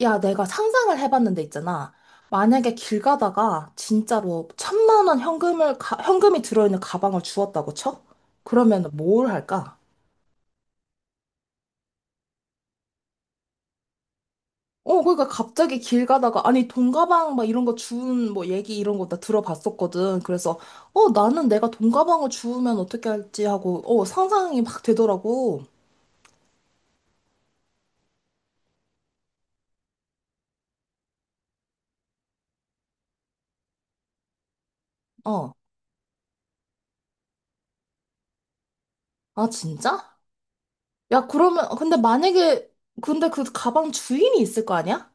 야, 내가 상상을 해봤는데 있잖아. 만약에 길 가다가 진짜로 천만 원 현금을, 현금이 들어있는 가방을 주웠다고 쳐? 그러면 뭘 할까? 그러니까 갑자기 길 가다가, 아니, 돈 가방 막 이런 거 주운 뭐 얘기 이런 거 나 들어봤었거든. 그래서, 나는 내가 돈 가방을 주우면 어떻게 할지 하고, 상상이 막 되더라고. 어, 아, 진짜? 야, 그러면, 근데 만약에, 근데 그 가방 주인이 있을 거 아니야?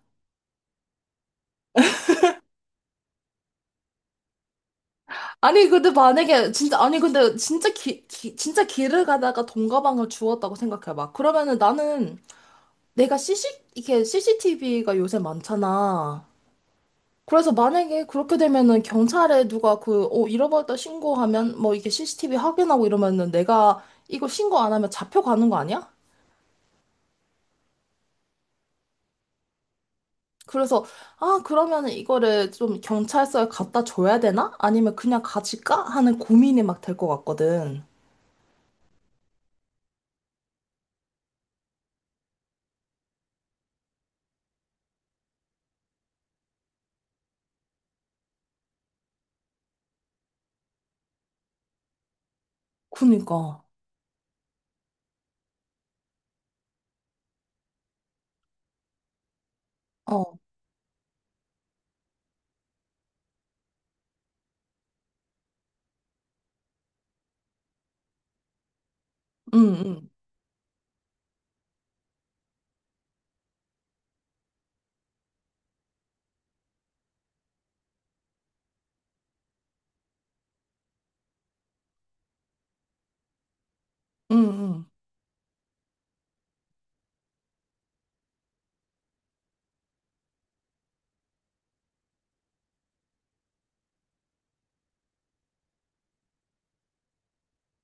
아니 근데 만약에 진짜 아니 근데 진짜 진짜 길을 가다가 돈 가방을 주웠다고 생각해봐. 그러면은 나는 내가 CC 이게 CCTV가 요새 많잖아. 그래서 만약에 그렇게 되면은 경찰에 누가 그 잃어버렸다 신고하면 뭐 이게 CCTV 확인하고 이러면은 내가 이거 신고 안 하면 잡혀가는 거 아니야? 그래서 아 그러면은 이거를 좀 경찰서에 갖다 줘야 되나? 아니면 그냥 가질까? 하는 고민이 막 될 것 같거든. 그니까. 어, 응, 응. 응, 응.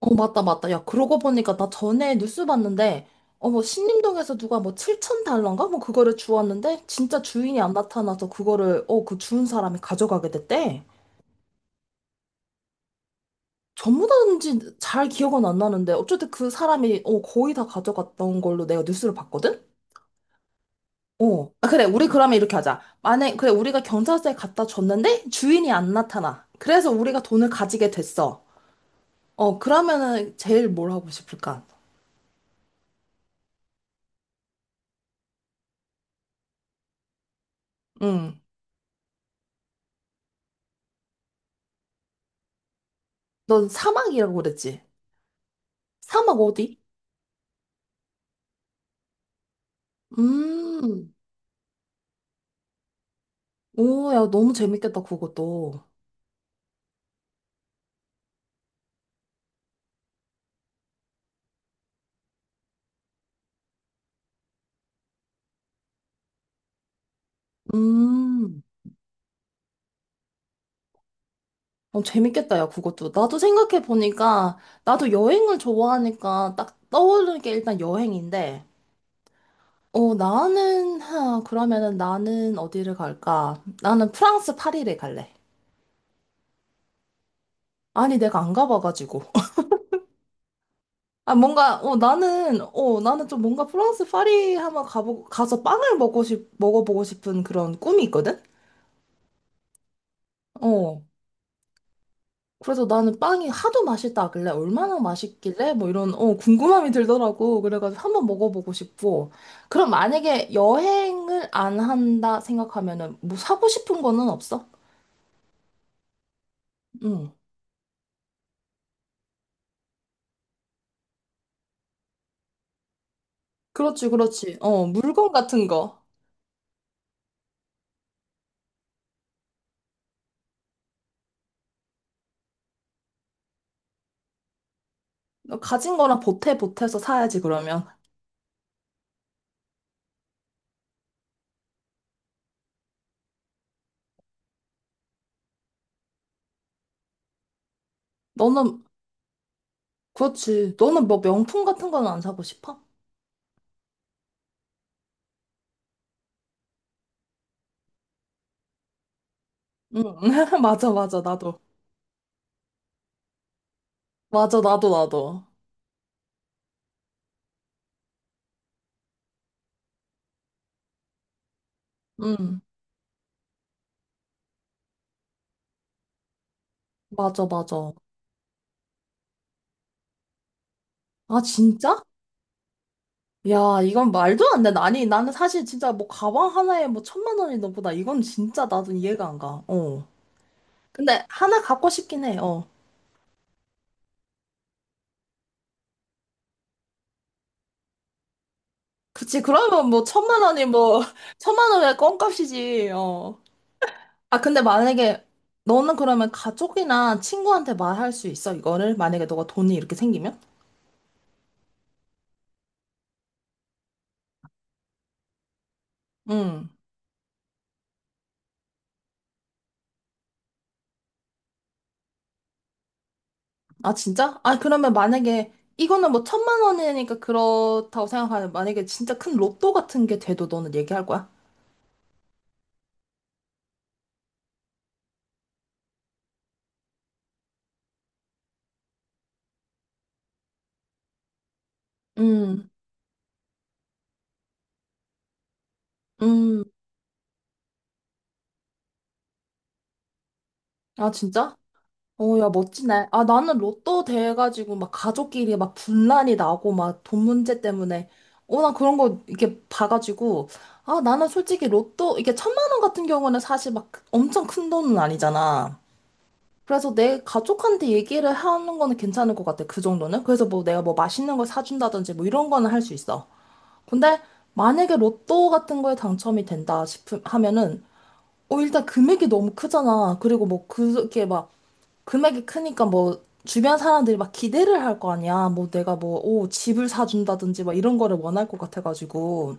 어, 맞다, 맞다. 야, 그러고 보니까 나 전에 뉴스 봤는데, 어, 뭐, 신림동에서 누가 뭐, 칠천 달러인가? 뭐, 그거를 주웠는데, 진짜 주인이 안 나타나서 그거를, 그 주운 사람이 가져가게 됐대. 전부 다인지 잘 기억은 안 나는데, 어쨌든 그 사람이, 거의 다 가져갔던 걸로 내가 뉴스를 봤거든? 어. 아, 그래, 우리 그러면 이렇게 하자. 만약, 그래, 우리가 경찰서에 갖다 줬는데, 주인이 안 나타나. 그래서 우리가 돈을 가지게 됐어. 어, 그러면은, 제일 뭘 하고 싶을까? 응. 넌 사막이라고 그랬지? 사막 어디? 음, 오, 야, 너무 재밌겠다, 그것도. 음, 어, 재밌겠다, 야, 그것도. 나도 생각해보니까, 나도 여행을 좋아하니까 딱 떠오르는 게 일단 여행인데, 나는, 하, 그러면은 나는 어디를 갈까? 나는 프랑스 파리를 갈래. 아니, 내가 안 가봐가지고. 아, 뭔가, 나는, 나는 좀 뭔가 프랑스 파리 한번 가서 빵을 먹어보고 싶은 그런 꿈이 있거든? 어. 그래서 나는 빵이 하도 맛있다길래 얼마나 맛있길래 뭐 이런 궁금함이 들더라고. 그래가지고 한번 먹어보고 싶고. 그럼 만약에 여행을 안 한다 생각하면은 뭐 사고 싶은 거는 없어? 응. 그렇지, 그렇지. 어, 물건 같은 거. 너 가진 거랑 보태 보태서 사야지 그러면. 너는 그렇지. 너는 뭐 명품 같은 거는 안 사고 싶어? 응. 맞아, 맞아. 나도. 맞아, 나도, 나도. 응. 맞아, 맞아. 아, 진짜? 야, 이건 말도 안 돼. 아니, 나는 사실 진짜 뭐 가방 하나에 뭐 천만 원이 넘보다 이건 진짜 나도 이해가 안 가. 어. 근데 하나 갖고 싶긴 해. 어. 그치. 그러면 뭐 천만 원이 뭐 천만 원의 껌값이지. 어. 아, 근데 만약에 너는 그러면 가족이나 친구한테 말할 수 있어? 이거를? 만약에 너가 돈이 이렇게 생기면? 응. 아, 진짜? 아, 그러면 만약에 이거는 뭐 천만 원이니까 그렇다고 생각하는데 만약에 진짜 큰 로또 같은 게 돼도 너는 얘기할 거야? 음. 음. 아, 진짜? 어, 야, 멋지네. 아, 나는 로또 돼가지고 막 가족끼리 막 분란이 나고 막 돈 문제 때문에. 어, 나 그런 거 이렇게 봐가지고. 아, 나는 솔직히 로또, 이게 천만 원 같은 경우는 사실 막 엄청 큰 돈은 아니잖아. 그래서 내 가족한테 얘기를 하는 거는 괜찮을 것 같아. 그 정도는. 그래서 뭐 내가 뭐 맛있는 걸 사준다든지 뭐 이런 거는 할 수 있어. 근데 만약에 로또 같은 거에 당첨이 된다 싶음 하면은 일단 금액이 너무 크잖아. 그리고 뭐 그게 막 금액이 크니까 뭐 주변 사람들이 막 기대를 할 거 아니야. 뭐 내가 뭐, 오, 집을 사준다든지 막 이런 거를 원할 것 같아가지고.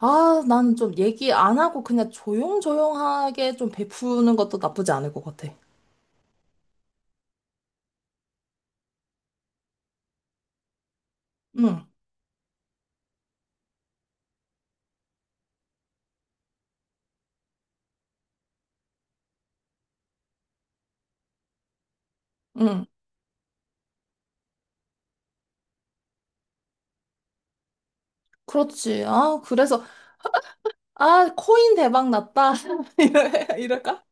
아, 나는 좀 얘기 안 하고 그냥 조용조용하게 좀 베푸는 것도 나쁘지 않을 것 같아. 응, 응. 그렇지. 아, 그래서, 아, 코인 대박 났다. 이럴까?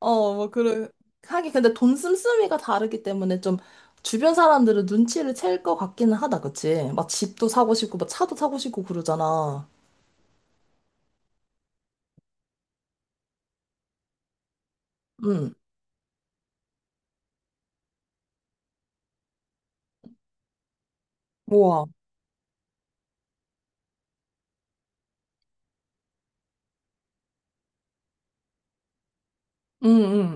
어, 뭐, 그래. 하긴, 근데 돈 씀씀이가 다르기 때문에 좀 주변 사람들은 눈치를 챌 것 같기는 하다, 그치? 막 집도 사고 싶고, 막 차도 사고 싶고 그러잖아. 응. 우와. 응 응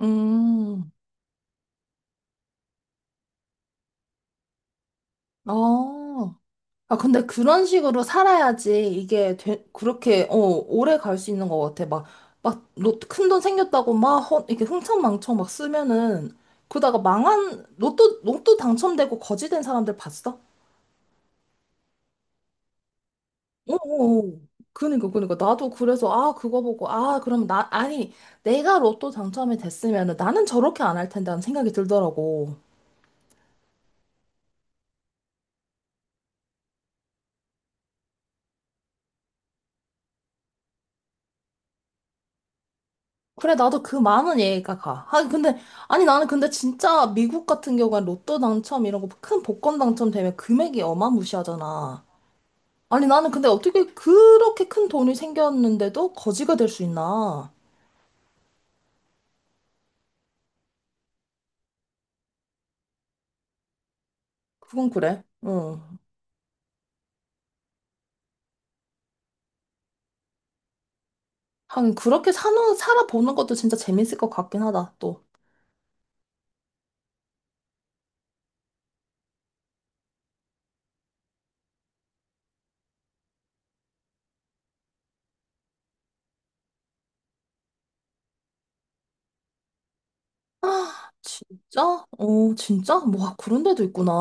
음. 아, 아, 근데 그런 식으로 살아야지 이게 되, 그렇게, 오래 갈 수 있는 것 같아. 막, 막, 로또 큰돈 생겼다고 막, 허, 이렇게 흥청망청 막 쓰면은, 그러다가 망한, 로또 당첨되고 거지된 사람들 봤어? 어, 어, 어. 그니까, 그니까. 나도 그래서, 아, 그거 보고, 아, 그럼 나, 아니, 내가 로또 당첨이 됐으면은 나는 저렇게 안 할 텐데 하는 생각이 들더라고. 그래, 나도 그 많은 얘기가 가. 아, 근데, 아니, 나는 근데 진짜 미국 같은 경우엔 로또 당첨 이런 거 큰 복권 당첨되면 금액이 어마무시하잖아. 아니, 나는 근데 어떻게 그렇게 큰 돈이 생겼는데도 거지가 될 수 있나? 그건 그래. 응. 하긴, 그렇게 사는, 살아보는 것도 진짜 재밌을 것 같긴 하다, 또. 아, 진짜? 어, 진짜? 뭐, 그런 데도 있구나.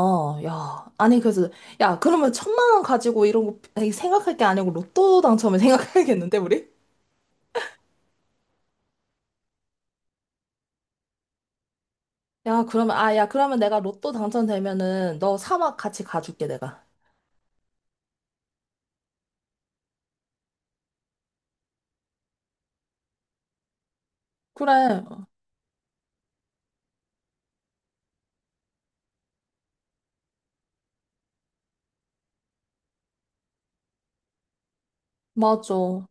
야, 아니, 그래서, 야, 그러면 천만 원 가지고 이런 거 생각할 게 아니고 로또 당첨을 생각해야겠는데, 우리? 야, 그러면, 아, 야, 그러면 내가 로또 당첨되면은 너 사막 같이 가줄게, 내가. 그래, 맞아.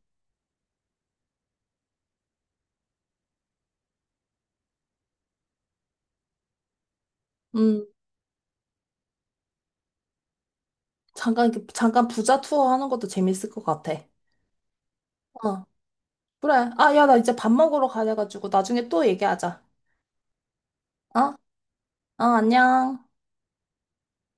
음, 잠깐 부자 투어 하는 것도 재밌을 것 같아. 어, 그래. 아, 야, 나 이제 밥 먹으러 가야 돼가지고 나중에 또 얘기하자. 어? 어, 안녕.